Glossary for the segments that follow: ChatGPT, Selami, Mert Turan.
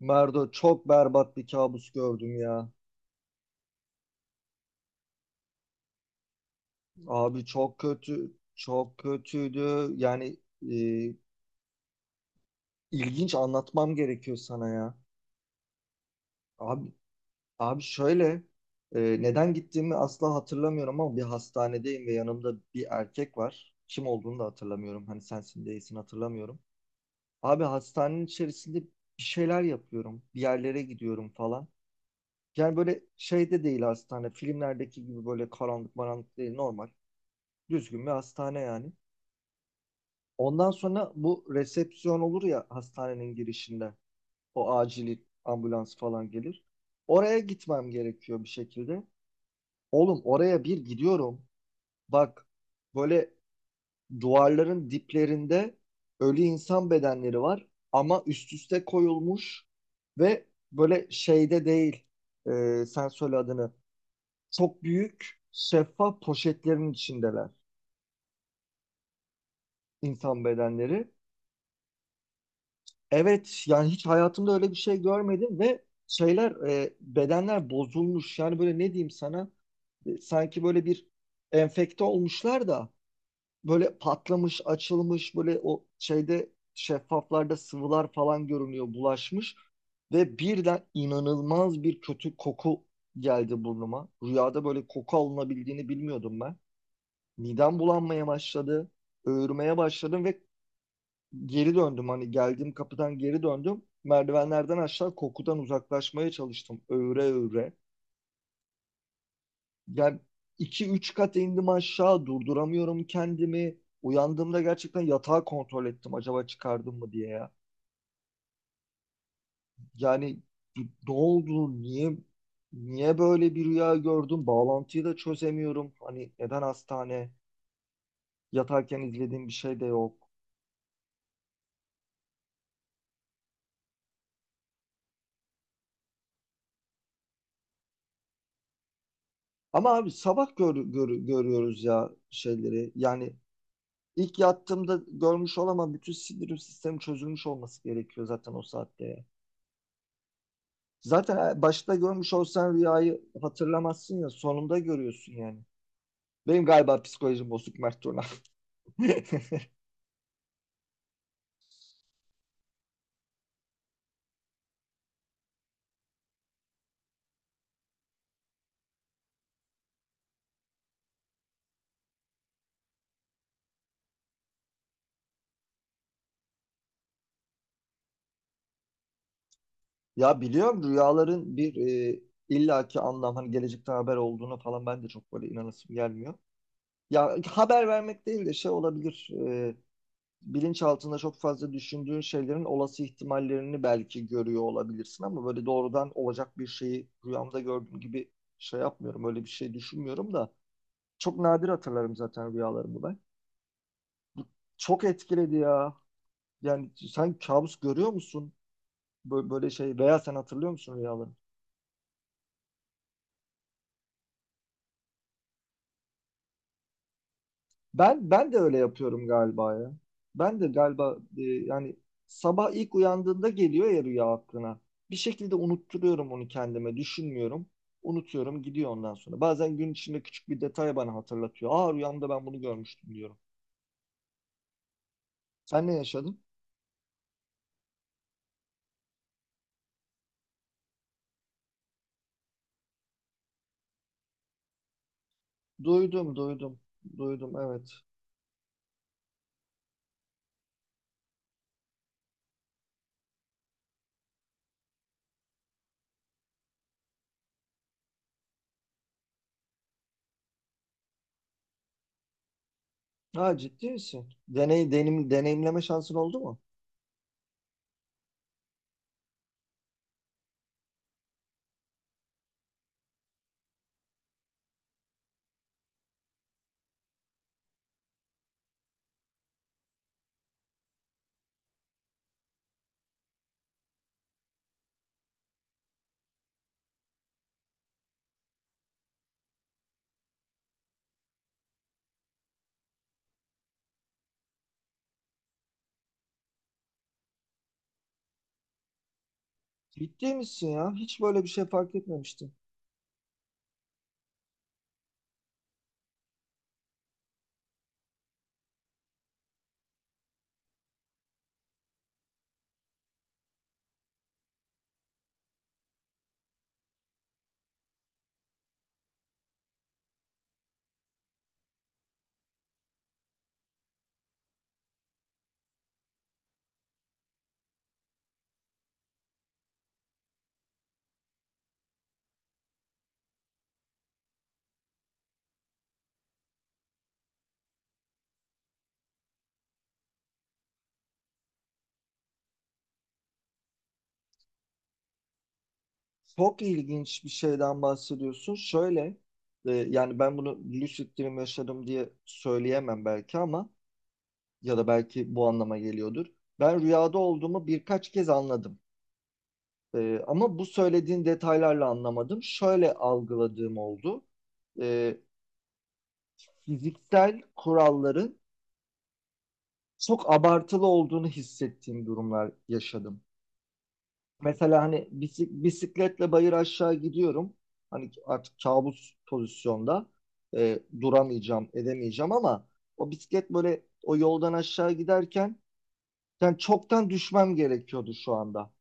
Merdo çok berbat bir kabus gördüm ya. Abi çok kötü, çok kötüydü. Yani e, ilginç anlatmam gerekiyor sana ya. Abi, abi, şöyle, neden gittiğimi asla hatırlamıyorum ama bir hastanedeyim ve yanımda bir erkek var. Kim olduğunu da hatırlamıyorum. Hani sensin değilsin hatırlamıyorum. Abi hastanenin içerisinde bir şeyler yapıyorum. Bir yerlere gidiyorum falan. Yani böyle şey de değil hastane. Filmlerdeki gibi böyle karanlık maranlık değil, normal. Düzgün bir hastane yani. Ondan sonra bu resepsiyon olur ya hastanenin girişinde. O acil ambulans falan gelir. Oraya gitmem gerekiyor bir şekilde. Oğlum oraya bir gidiyorum. Bak, böyle duvarların diplerinde ölü insan bedenleri var ama üst üste koyulmuş ve böyle şeyde değil. Sen söyle adını. Çok büyük şeffaf poşetlerin içindeler, insan bedenleri. Evet, yani hiç hayatımda öyle bir şey görmedim ve şeyler, bedenler bozulmuş, yani böyle ne diyeyim sana. Sanki böyle bir enfekte olmuşlar da böyle patlamış, açılmış, böyle o şeyde, şeffaflarda sıvılar falan görünüyor, bulaşmış. Ve birden inanılmaz bir kötü koku geldi burnuma. Rüyada böyle koku alınabildiğini bilmiyordum ben. Midem bulanmaya başladı, öğürmeye başladım ve geri döndüm. Hani geldiğim kapıdan geri döndüm. Merdivenlerden aşağı kokudan uzaklaşmaya çalıştım. Öğre öğre. Yani iki üç kat indim aşağı. Durduramıyorum kendimi. Uyandığımda gerçekten yatağı kontrol ettim. Acaba çıkardım mı diye ya. Yani ne oldu? Niye böyle bir rüya gördüm? Bağlantıyı da çözemiyorum. Hani neden hastane? Yatarken izlediğim bir şey de yok. Ama abi sabah görüyoruz ya şeyleri. Yani İlk yattığımda görmüş olamam. Bütün sindirim sistemi çözülmüş olması gerekiyor zaten o saatte. Zaten başta görmüş olsan rüyayı hatırlamazsın ya. Sonunda görüyorsun yani. Benim galiba psikolojim bozuk, Mert Turan. Ya biliyorum, rüyaların bir illaki anlam, hani gelecekten haber olduğunu falan, ben de çok böyle inanasım gelmiyor. Ya haber vermek değil de şey olabilir. Bilinç altında çok fazla düşündüğün şeylerin olası ihtimallerini belki görüyor olabilirsin ama böyle doğrudan olacak bir şeyi rüyamda gördüğüm gibi şey yapmıyorum. Öyle bir şey düşünmüyorum da çok nadir hatırlarım zaten rüyalarımı ben. Çok etkiledi ya. Yani sen kabus görüyor musun? Böyle şey, veya sen hatırlıyor musun rüyaları? Ben de öyle yapıyorum galiba ya. Ben de galiba yani sabah ilk uyandığında geliyor ya rüya aklına. Bir şekilde unutturuyorum onu kendime, düşünmüyorum. Unutuyorum, gidiyor ondan sonra. Bazen gün içinde küçük bir detay bana hatırlatıyor. Aa, rüyamda ben bunu görmüştüm diyorum. Sen ne yaşadın? Duydum, duydum. Duydum, evet. Ha, ciddi misin? Deneyimleme şansın oldu mu? Ciddi misin ya? Hiç böyle bir şey fark etmemiştim. Çok ilginç bir şeyden bahsediyorsun. Şöyle, yani ben bunu lucid dream yaşadım diye söyleyemem belki, ama ya da belki bu anlama geliyordur. Ben rüyada olduğumu birkaç kez anladım. Ama bu söylediğin detaylarla anlamadım. Şöyle algıladığım oldu. E, Fiziksel kuralların çok abartılı olduğunu hissettiğim durumlar yaşadım. Mesela hani bisikletle bayır aşağı gidiyorum. Hani artık kabus pozisyonda duramayacağım, edemeyeceğim ama o bisiklet böyle o yoldan aşağı giderken yani çoktan düşmem gerekiyordu şu anda.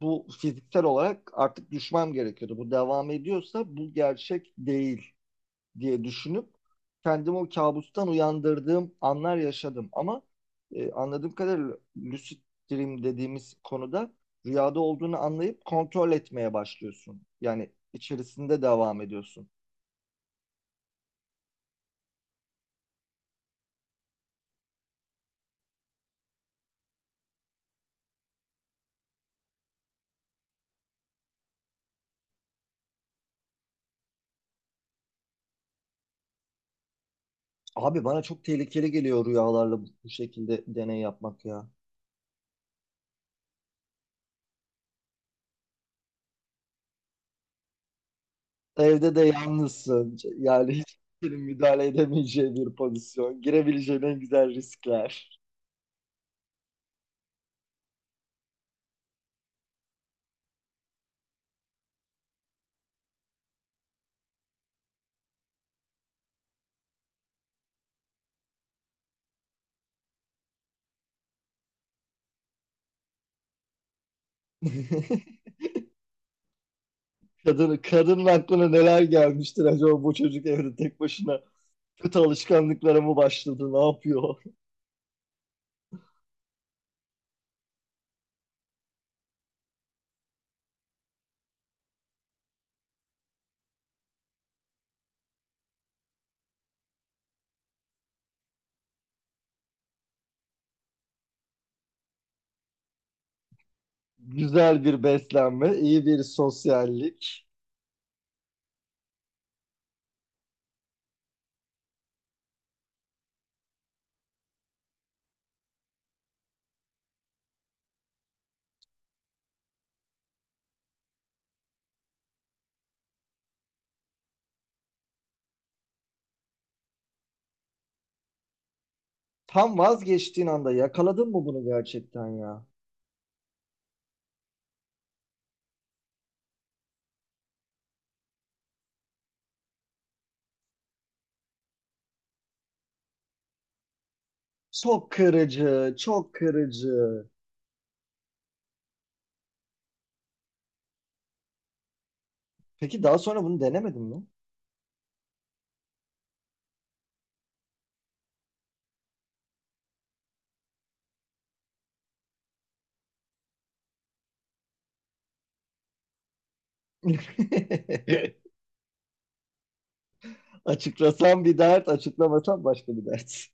Bu fiziksel olarak artık düşmem gerekiyordu. Bu devam ediyorsa bu gerçek değil diye düşünüp kendimi o kabustan uyandırdığım anlar yaşadım. Ama anladığım kadarıyla lucid dream dediğimiz konuda rüyada olduğunu anlayıp kontrol etmeye başlıyorsun. Yani içerisinde devam ediyorsun. Abi bana çok tehlikeli geliyor rüyalarla bu şekilde deney yapmak ya. Evde de yalnızsın. Yani hiç kimsenin müdahale edemeyeceği bir pozisyon. Girebileceğin en güzel riskler. Kadının aklına neler gelmiştir acaba, bu çocuk evde tek başına kötü alışkanlıklara mı başladı? Ne yapıyor? Güzel bir beslenme, iyi bir sosyallik. Tam vazgeçtiğin anda yakaladın mı bunu gerçekten ya? Çok kırıcı. Peki daha sonra bunu denemedin mi? Açıklasam bir dert, açıklamasam başka bir dert.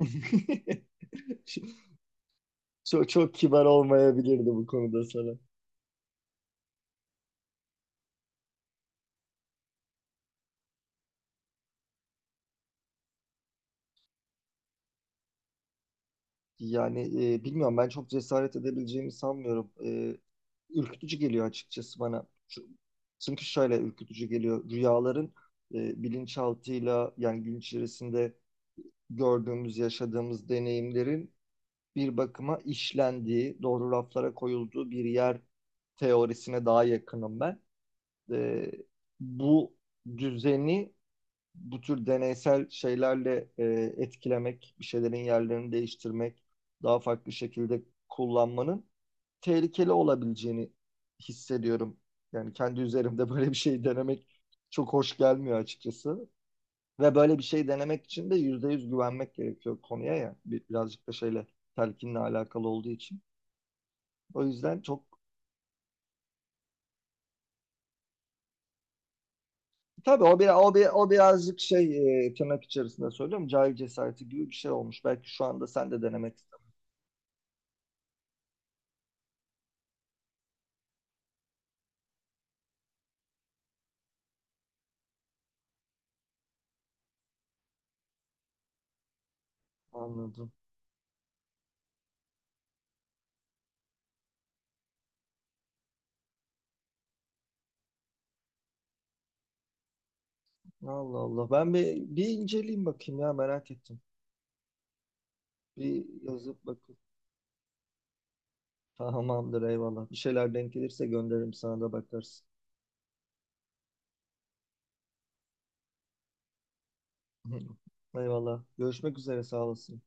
Çok kibar olmayabilirdi bu konuda sana. Yani bilmiyorum, ben çok cesaret edebileceğimi sanmıyorum. Ürkütücü geliyor açıkçası bana. Çünkü şöyle ürkütücü geliyor. Rüyaların bilinçaltıyla, yani gün içerisinde gördüğümüz, yaşadığımız deneyimlerin bir bakıma işlendiği, doğru raflara koyulduğu bir yer teorisine daha yakınım ben. E, Bu düzeni bu tür deneysel şeylerle etkilemek, bir şeylerin yerlerini değiştirmek, daha farklı şekilde kullanmanın tehlikeli olabileceğini hissediyorum. Yani kendi üzerimde böyle bir şey denemek çok hoş gelmiyor açıkçası. Ve böyle bir şey denemek için de yüzde yüz güvenmek gerekiyor konuya ya. Birazcık da şeyle, telkinle alakalı olduğu için. O yüzden çok. Tabii o bir, o bir, o birazcık şey, tırnak içerisinde söylüyorum, cahil cesareti gibi bir şey olmuş. Belki şu anda sen de denemek istersin. Anladım. Allah Allah. Ben bir inceleyeyim bakayım ya, merak ettim. Bir yazıp bakayım. Tamamdır, eyvallah. Bir şeyler denk gelirse gönderirim, sana da bakarsın. Eyvallah. Görüşmek üzere, sağ olasın.